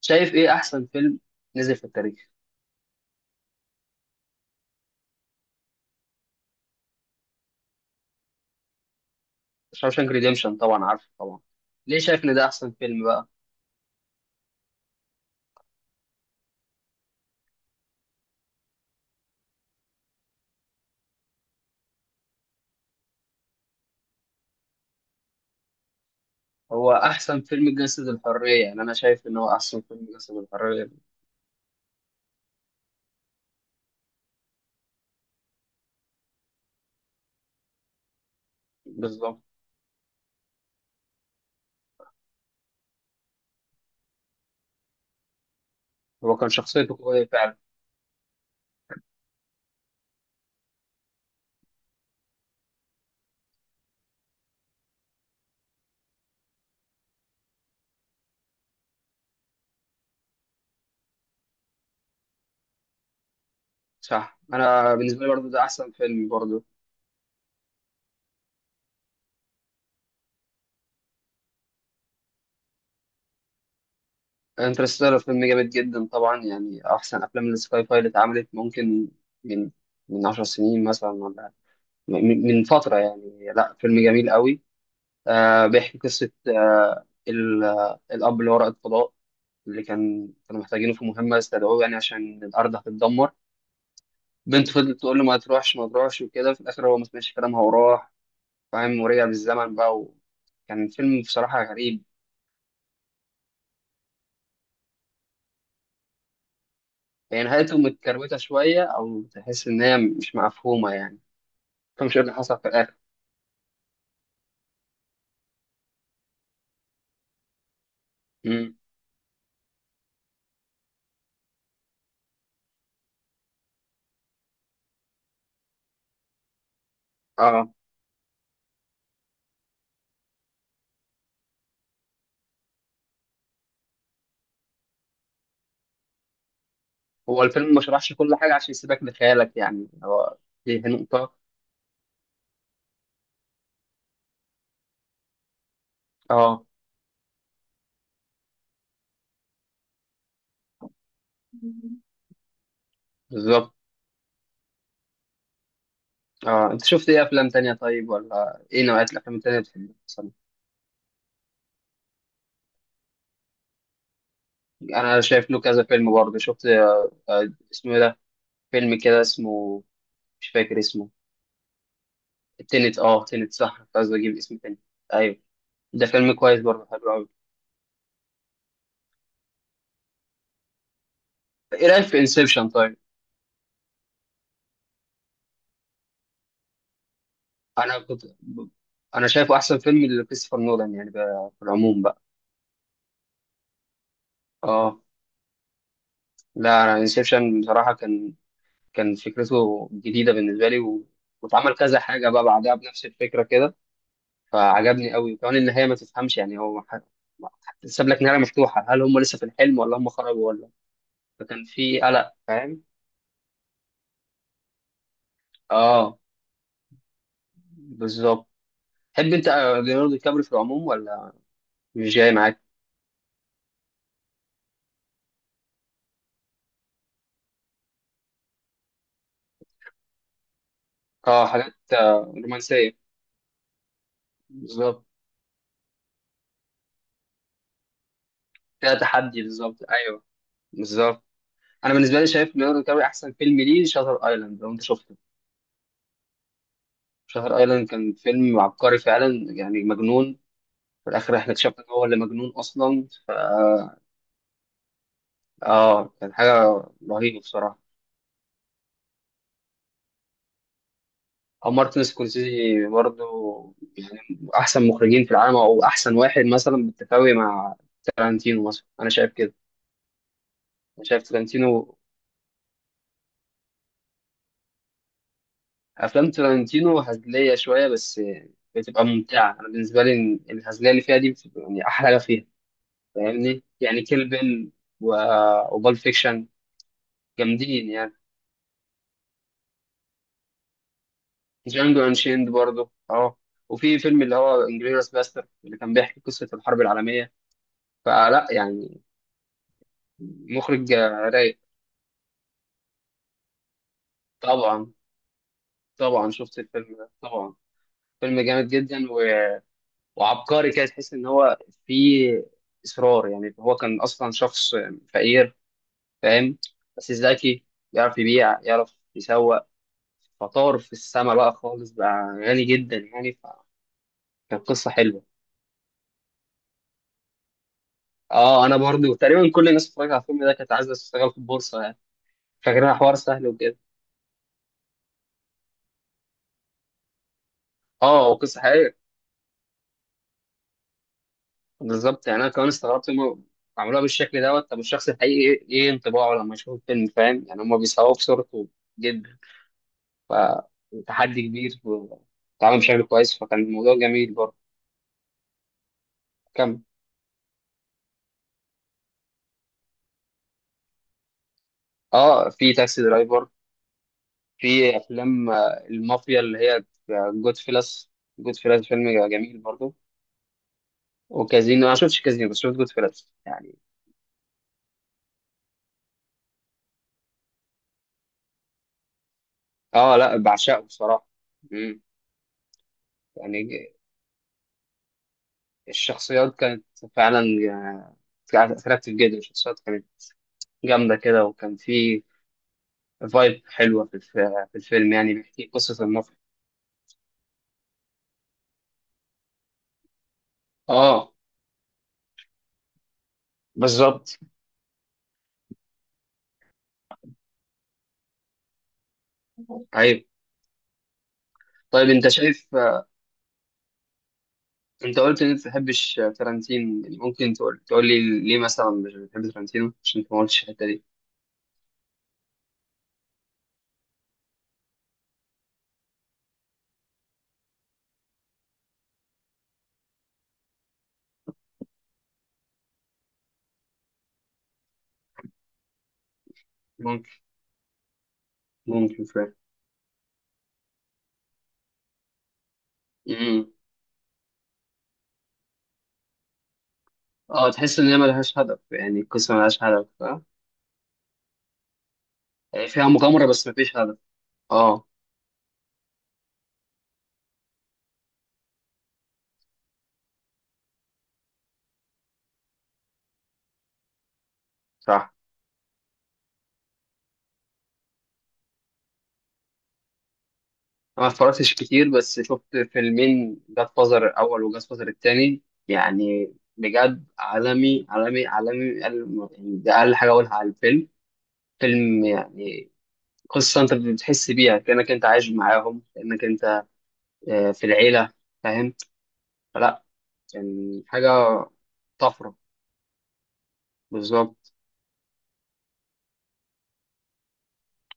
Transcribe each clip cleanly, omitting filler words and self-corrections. شايف ايه احسن فيلم نزل في التاريخ؟ شاوشانك ريديمشن طبعا عارفه طبعا. ليه شايف ان ده احسن فيلم بقى؟ هو احسن فيلم جسد الحريه، يعني انا شايف ان هو احسن فيلم جسد الحريه. بالظبط. هو كان شخصيته قويه فعلا. صح، انا بالنسبه لي برضو ده احسن فيلم برضو. انترستيلر فيلم جامد جدا طبعا، يعني احسن افلام السكاي فاي اللي اتعملت، ممكن من من 10 سنين مثلا، ولا من فتره، يعني لا، فيلم جميل قوي. بيحكي قصه الاب اللي هو رائد فضاء، اللي كانوا محتاجينه في مهمة، استدعوه يعني عشان الأرض هتتدمر. بنت فضلت تقول له ما تروحش ما تروحش وكده، في الآخر هو ما سمعش كلامها وراح، فاهم، ورجع بالزمن بقى، وكان فيلم بصراحة غريب. هي نهايته متكروتة شوية، أو تحس إن هي مش مفهومة يعني، مفهمش إيه اللي حصل في الآخر. مم. آه هو الفيلم ما شرحش كل حاجة عشان يسيبك لخيالك، يعني هو دي نقطة. آه، بالظبط. أنت شفت إيه أفلام تانية طيب، ولا إيه نوعية الأفلام التانية اللي بتحبها؟ انا شايف له كذا فيلم برضه، شفت اسمه ايه ده، فيلم كده اسمه، مش فاكر اسمه. التنت، اه، تنت صح، كنت عايز اجيب اسم تاني. ايوه، ده فيلم كويس برضه، حلو قوي. ايه رايك في انسبشن طيب؟ انا كنت ب- انا شايفه احسن فيلم لكريستوفر نولان، يعني بقى في العموم بقى. اه لا، انا انسبشن بصراحه كان فكرته جديده بالنسبه لي، واتعمل كذا حاجه بقى بعدها بنفس الفكره كده، فعجبني قوي. وكمان النهايه ما تفهمش، يعني ساب لك نهايه مفتوحه، هل هم لسه في الحلم ولا هم خرجوا ولا، فكان في قلق، فاهم. اه بالظبط. تحب انت ليوناردو دي كابري في العموم ولا؟ مش جاي معاك؟ اه، حاجات رومانسيه. بالظبط، فيها تحدي، بالظبط، ايوه. بالظبط. انا بالنسبه لي شايف ليوناردو دي كابري احسن فيلم ليه شاتر ايلاند، لو انت شفته. شاتر ايلاند كان فيلم عبقري فعلا، يعني مجنون. في الاخر احنا اكتشفنا ان هو اللي مجنون اصلا. اه، كان حاجه رهيبه بصراحه. او مارتن سكورسيزي برضه، يعني احسن مخرجين في العالم، او احسن واحد مثلا بالتساوي مع تارانتينو مثلا، انا شايف كده. انا شايف تارانتينو، افلام تارانتينو هزليه شويه، بس بتبقى ممتعه. انا بالنسبه لي الهزليه اللي فيها دي بتبقى يعني احلى حاجه فيها، فاهمني، يعني كيل بيل، و... وبال فيكشن، جامدين يعني. جانجو انشيند برضه، اه، وفي فيلم اللي هو انجلوريوس باستر، اللي كان بيحكي قصه الحرب العالميه، فلا يعني، مخرج رايق. طبعا، طبعا شفت الفيلم ده طبعا. فيلم جامد جدا، وعبقري كده، تحس ان هو فيه اصرار، يعني هو كان اصلا شخص فقير، فاهم، بس ذكي، يعرف يبيع يعرف يسوق، فطار في السما بقى، خالص بقى غني جدا يعني، فكانت قصه حلوه. اه، انا برضو تقريبا كل الناس اتفرجت على الفيلم ده كانت عايزه تشتغل في البورصه يعني، فاكرها حوار سهل وكده. اه قصه حقيقيه. بالظبط، يعني انا كمان استغربت هم عملوها بالشكل دوت، طب الشخص الحقيقي ايه إيه انطباعه لما يشوف الفيلم، فاهم، يعني هم بيصوروا بصورته جدا، فتحدي كبير، واتعمل بشكل كويس، فكان الموضوع جميل برضه. كم، اه، في تاكسي درايفر، في افلام المافيا اللي هي جود فيلس، جود فيلس فيلم جميل برضه. وكازينو، انا ما شفتش كازينو بس شفت جود فيلس يعني. اه لا، بعشقه بصراحه. مم. يعني الشخصيات كانت فعلا كانت اتراكتيف جدا، الشخصيات كانت جامدة كده، وكان في فايب حلوة في الفيلم، يعني بيحكي قصة النصر. اه، بالظبط. طيب، طيب انت شايف، انت قلت ان انت ما بتحبش ترنتين يعني، ممكن تقول لي ليه مثلا مش بتحب ترنتينو، عشان انت ما قلتش الحتة دي. ممكن، ممكن فعلا. امم. اه تحس ان هي ملهاش هدف، يعني القصة ملهاش هدف، اه؟ يعني فيها مغامرة، بس مفيش هدف. اه صح. أنا ما اتفرجتش كتير، بس شفت فيلمين، جاد فازر الأول وجاد فازر التاني، يعني بجد عالمي عالمي عالمي، يعني ده أقل حاجة أقولها على الفيلم. فيلم يعني قصة أنت بتحس بيها كأنك أنت عايش معاهم، كأنك أنت في العيلة، فاهم، فلا يعني حاجة طفرة. بالظبط.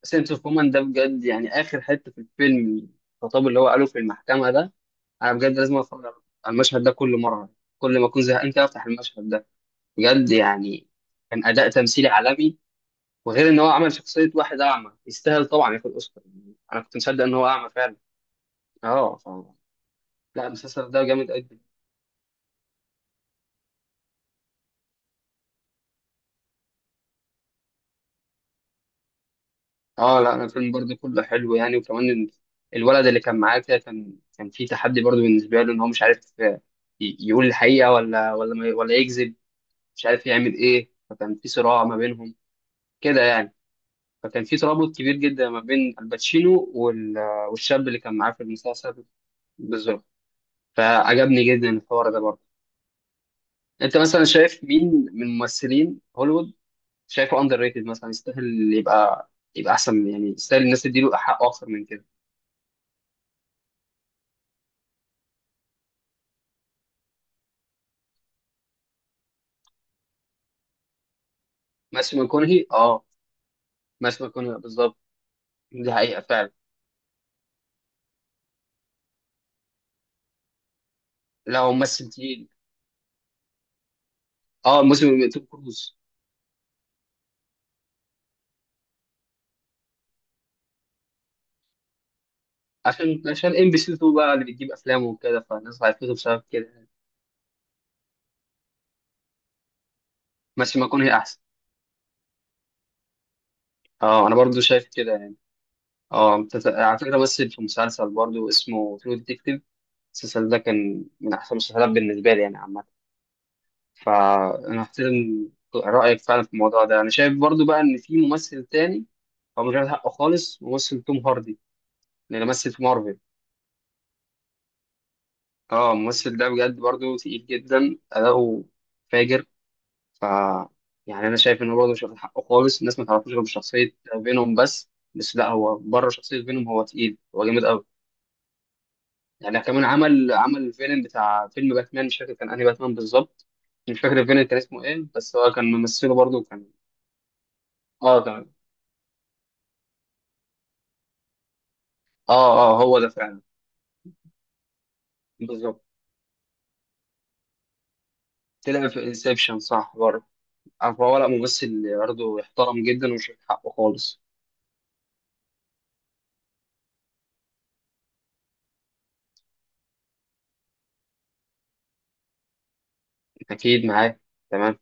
سنس اوف وومن ده بجد يعني، آخر حتة في الفيلم الخطاب اللي هو قاله في المحكمة ده، أنا بجد لازم أتفرج على المشهد ده كل مرة، كل ما أكون زهقان كده أفتح المشهد ده، بجد يعني. كان اداء تمثيلي عالمي. وغير ان هو عمل شخصيه واحد اعمى، يستاهل طبعا ياخد اوسكار. انا كنت مصدق ان هو اعمى فعلا. اه، لا، المسلسل ده جامد جدا. اه لا، الفيلم برضه كله حلو يعني. وكمان الولد اللي كان معاه كده، كان في تحدي برضه بالنسبه له، ان هو مش عارف يقول الحقيقه، ولا ما ي- ولا يكذب، مش عارف يعمل ايه، فكان في صراع ما بينهم كده يعني. فكان في ترابط كبير جدا ما بين الباتشينو والشاب اللي كان معاه في المسلسل. بالظبط، فعجبني جدا الحوار ده برضه. انت مثلا شايف مين من ممثلين هوليوود شايفه اندر ريتد مثلا، يستاهل يبقى احسن يعني، يستاهل الناس تديله حقه اكتر من كده؟ ماثيو ماكونهي، اه، ماثيو ماكونهي بالظبط. دي حقيقه فعلا. لا هو ممثل تقيل. اه، موسم توم كروز. عشان ام بي سي 2 بقى اللي بتجيب افلامه وكده، فالناس عرفته بسبب كده. ماثيو ماكونهي احسن. اه، انا برضو شايف كده يعني. اه، على فكره مثل في مسلسل برضو اسمه ترو ديتكتيف، المسلسل ده كان من احسن المسلسلات بالنسبه لي يعني، عامة. فانا احترم رايك فعلا في الموضوع ده. انا شايف برضو بقى ان في ممثل تاني هو مش واخد حقه خالص، ممثل توم هاردي اللي مثل في مارفل. اه الممثل ده بجد برضو تقيل جدا، اداؤه فاجر، ف يعني انا شايف انه برضو مش واخد حقه خالص، الناس ما تعرفوش غير بشخصيه فينوم بس، بس لا هو بره شخصيه فينوم هو تقيل، هو جامد قوي. يعني كمان عمل الفيلم بتاع فيلم باتمان، مش فاكر كان انهي باتمان بالظبط، مش فاكر الفيلم كان اسمه ايه، بس هو كان ممثله برضو كان. اه، اه، اه هو ده فعلا، بالظبط. تلاقي في انسبشن صح برضه، عارف، هو لا، ممثل برضه يحترم جدا ويشوف حقه خالص. اكيد معاه. تمام.